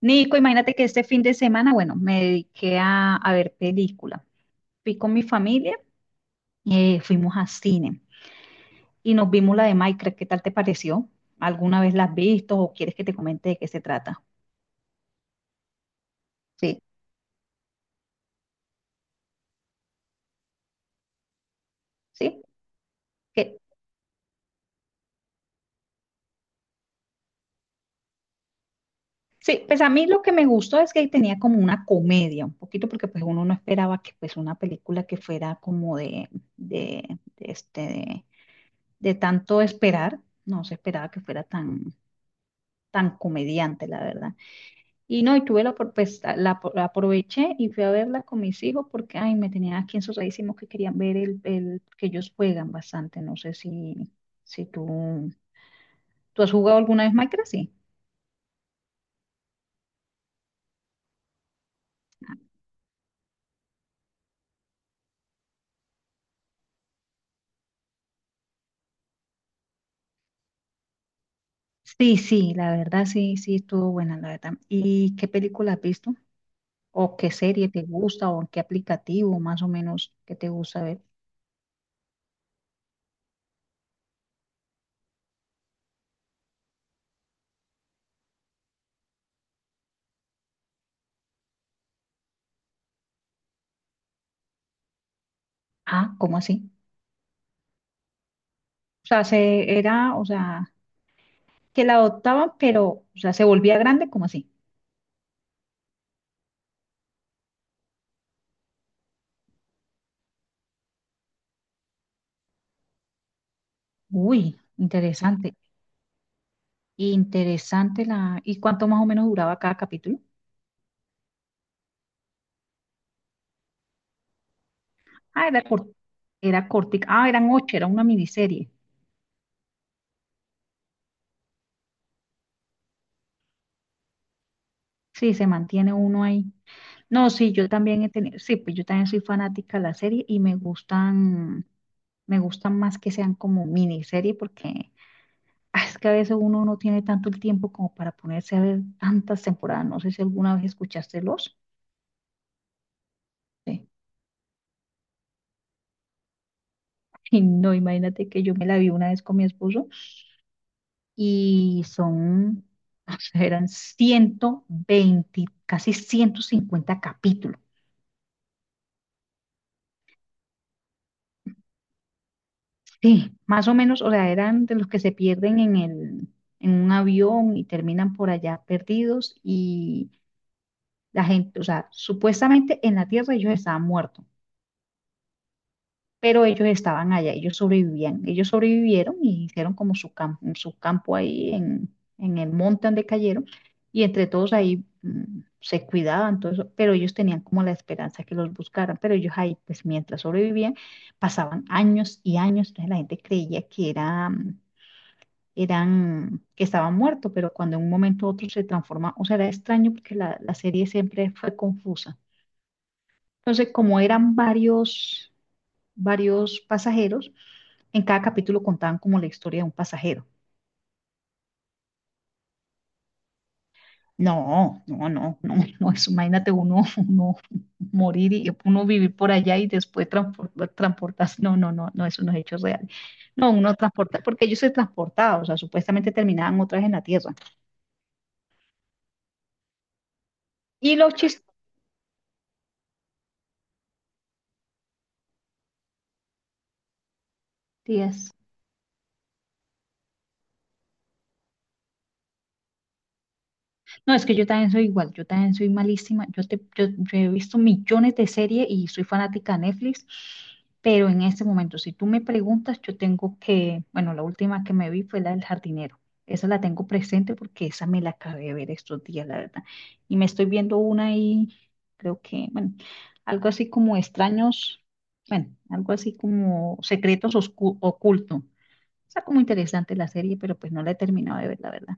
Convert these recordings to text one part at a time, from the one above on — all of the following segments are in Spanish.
Nico, imagínate que este fin de semana, bueno, me dediqué a ver película. Fui con mi familia, fuimos a cine y nos vimos la de Minecraft. ¿Qué tal te pareció? ¿Alguna vez la has visto o quieres que te comente de qué se trata? Sí, sí, que sí. Pues a mí lo que me gustó es que tenía como una comedia, un poquito, porque pues uno no esperaba que, pues, una película que fuera como de, de este, de, de tanto esperar, no se esperaba que fuera tan, tan comediante, la verdad. Y no, y tuve opor- pues, la apro- la aproveché y fui a verla con mis hijos porque, ay, me tenían aquí ensuciadísimos que querían ver que ellos juegan bastante. No sé si, si tú, ¿tú has jugado alguna vez Minecraft? Sí. Sí, sí, la verdad sí, sí, estuvo buena, la verdad. ¿Y qué película has visto? ¿O qué serie te gusta? ¿O en qué aplicativo más o menos que te gusta ver? Ah, ¿cómo así? O sea, se era, o sea, que la adoptaban, pero, o sea, se volvía grande, ¿cómo así? Uy, interesante. Interesante la... ¿Y cuánto más o menos duraba cada capítulo? Ah, era cort Era cortica. Ah, eran ocho, era una miniserie. Sí, se mantiene uno ahí. No, sí, yo también he tenido, sí, pues yo también soy fanática de la serie y me gustan más que sean como miniserie, porque ah, es que a veces uno no tiene tanto el tiempo como para ponerse a ver tantas temporadas. No sé si alguna vez escuchaste Los. Sí. Y no, imagínate que yo me la vi una vez con mi esposo y son, o sea, eran 120, casi 150 capítulos. Sí, más o menos, o sea, eran de los que se pierden en un avión y terminan por allá perdidos y la gente, o sea, supuestamente en la Tierra ellos estaban muertos, pero ellos estaban allá, ellos sobrevivían, ellos sobrevivieron y hicieron como su campo ahí en el monte donde cayeron y entre todos ahí se cuidaban, todo eso, pero ellos tenían como la esperanza que los buscaran, pero ellos ahí, pues mientras sobrevivían, pasaban años y años. Entonces la gente creía que era, eran, que estaban muertos, pero cuando en un momento u otro se transforma, o sea, era extraño porque la serie siempre fue confusa. Entonces, como eran varios, varios pasajeros, en cada capítulo contaban como la historia de un pasajero. No, no, no, no, no, eso, imagínate uno, uno morir y uno vivir por allá y después transpor- transportarse. No, no, no, no, eso no es hechos reales. No, uno transporta, porque ellos se transportaban, o sea, supuestamente terminaban otra vez en la tierra. Y los chistes, no, es que yo también soy igual, yo también soy malísima. Yo, te, yo he visto millones de series y soy fanática de Netflix, pero en este momento, si tú me preguntas, yo tengo que, bueno, la última que me vi fue la del jardinero. Esa la tengo presente porque esa me la acabé de ver estos días, la verdad. Y me estoy viendo una y creo que, bueno, algo así como extraños, bueno, algo así como secretos oscu- ocultos. Está como interesante la serie, pero pues no la he terminado de ver, la verdad.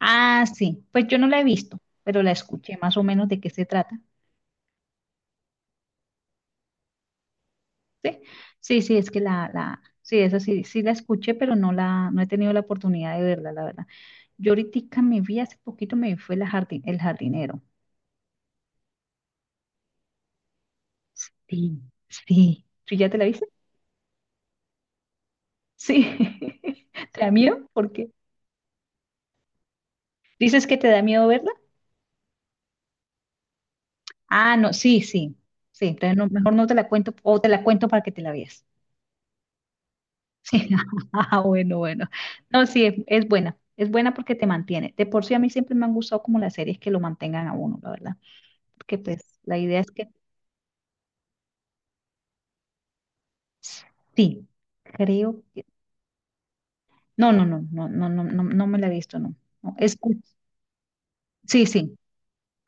Ah, sí, pues yo no la he visto, pero la escuché más o menos de qué se trata. Sí, sí, sí, es que sí, esa sí, sí la escuché, pero no la, no he tenido la oportunidad de verla, la verdad. Yo ahorita me vi, hace poquito me vi, fue la jardin, El Jardinero. Sí, sí. ¿Tú ya te la viste? Sí. ¿Te da miedo? ¿Por qué? ¿Dices que te da miedo verla? Ah, no, sí, sí, sí. Entonces no- mejor no te la cuento, o te la cuento para que te la veas. Sí, ah, bueno, bueno. No, sí, es buena. Es buena porque te mantiene. De por sí a mí siempre me han gustado como las series que lo mantengan a uno, la verdad. Porque pues la idea es que sí, creo que... No, no, no, no, no, no, no, no me la he visto, no. No, es- sí, sí,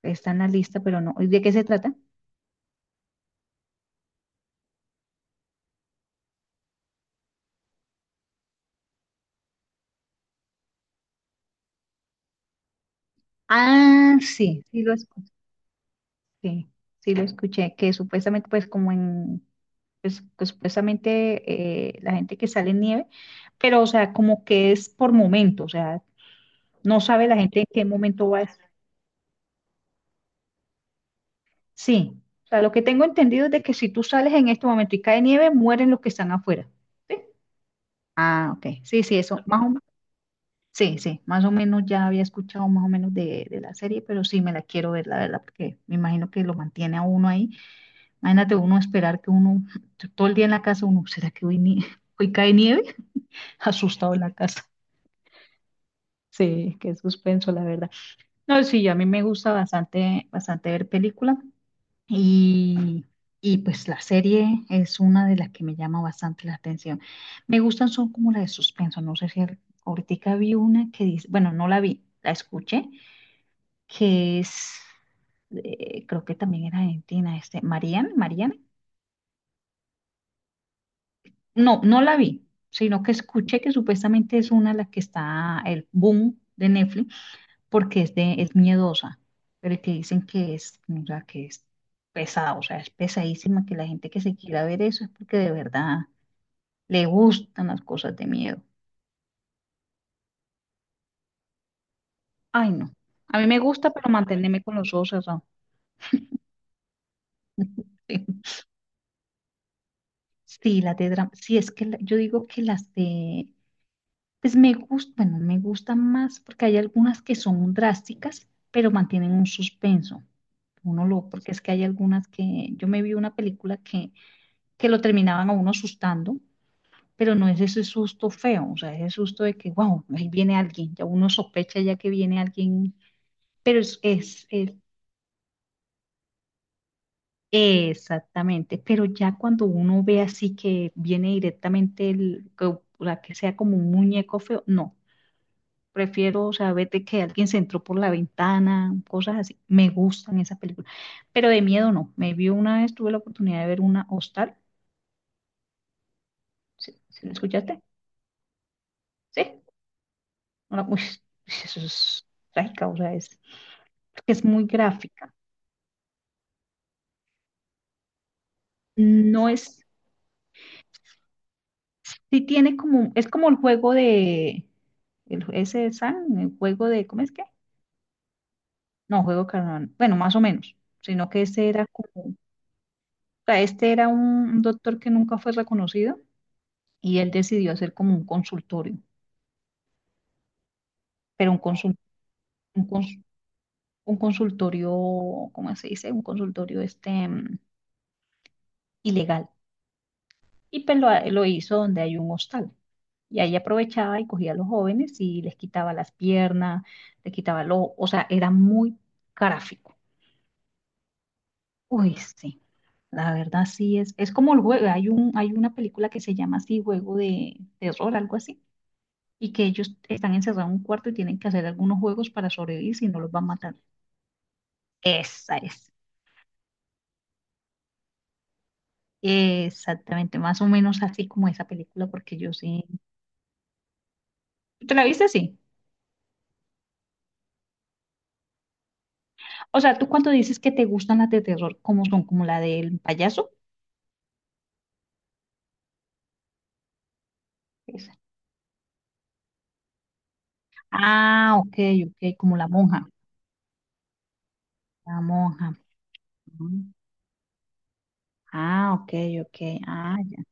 está en la lista, pero no. ¿Y ¿De qué se trata? Ah, sí, sí lo escuché. Sí, sí lo escuché. Que supuestamente pues como en... Pues, que supuestamente la gente que sale en nieve, pero o sea, como que es por momentos, o sea, no sabe la gente en qué momento va a... Sí, o sea, lo que tengo entendido es de que si tú sales en este momento y cae nieve, mueren los que están afuera. ¿Sí? Ah, ok. Sí, sí, eso, más o menos. Sí, sí, más o menos ya había escuchado más o menos de la serie, pero sí me la quiero ver, la verdad, porque me imagino que lo mantiene a uno ahí. Imagínate uno esperar que uno, todo el día en la casa, uno, ¿será que hoy, nie- hoy cae nieve? Asustado en la casa. Sí, qué suspenso, la verdad. No, sí, a mí me gusta bastante, bastante ver películas. Y, y pues la serie es una de las que me llama bastante la atención. Me gustan, son como las de suspenso. No sé si al- ahorita vi una que dice, bueno, no la vi, la escuché, que es, creo que también era argentina, este, Mariana, Mariana. No, no la vi, sino que escuché que supuestamente es una la que está el boom de Netflix porque es, de, es miedosa, pero que dicen que es, o sea, que es pesada, o sea, es pesadísima, que la gente que se quiera ver eso es porque de verdad le gustan las cosas de miedo. Ay, no. A mí me gusta, pero mantenerme con los ojos cerrados. Sí, sí, las de drama. Sí, es que la- yo digo que las de, pues me gustan, bueno, me gustan más porque hay algunas que son drásticas, pero mantienen un suspenso. Uno lo, porque es que hay algunas que, yo me vi una película que lo terminaban a uno asustando, pero no es ese susto feo, o sea, ese susto de que, wow, ahí viene alguien, ya uno sospecha ya que viene alguien, pero es- exactamente, pero ya cuando uno ve así que viene directamente el, que, o sea, que sea como un muñeco feo, no, prefiero, o sea, vete que alguien se entró por la ventana, cosas así, me gustan esas películas, pero de miedo no, me vi una vez, tuve la oportunidad de ver una Hostal, ¿sí, ¿sí la escuchaste? Sí, una, uy, eso es trágica, o sea, es porque es muy gráfica. No es, sí tiene como, es como el juego de, el, ese de San, el juego de, ¿cómo es que? No, juego de Carnaval, bueno, más o menos, sino que ese era como, o sea, este era un doctor que nunca fue reconocido y él decidió hacer como un consultorio, pero un, consul- un, cons- un consultorio, ¿cómo se dice? Un consultorio este ilegal. Y pues lo hizo donde hay un hostal. Y ahí aprovechaba y cogía a los jóvenes y les quitaba las piernas, les quitaba el ojo, o sea, era muy gráfico. Uy, sí, la verdad sí es como el juego, hay un, hay una película que se llama así, juego de terror, algo así, y que ellos están encerrados en un cuarto y tienen que hacer algunos juegos para sobrevivir si no los van matando. Esa es, exactamente, más o menos así como esa película, porque yo sí. ¿Tú ¿Te la viste así? O sea, ¿tú cuando dices que te gustan las de terror, cómo son? ¿Como la del payaso? Ah, ok, ok, como la monja. La monja. Ujú. Ah, ok, ok. Ah,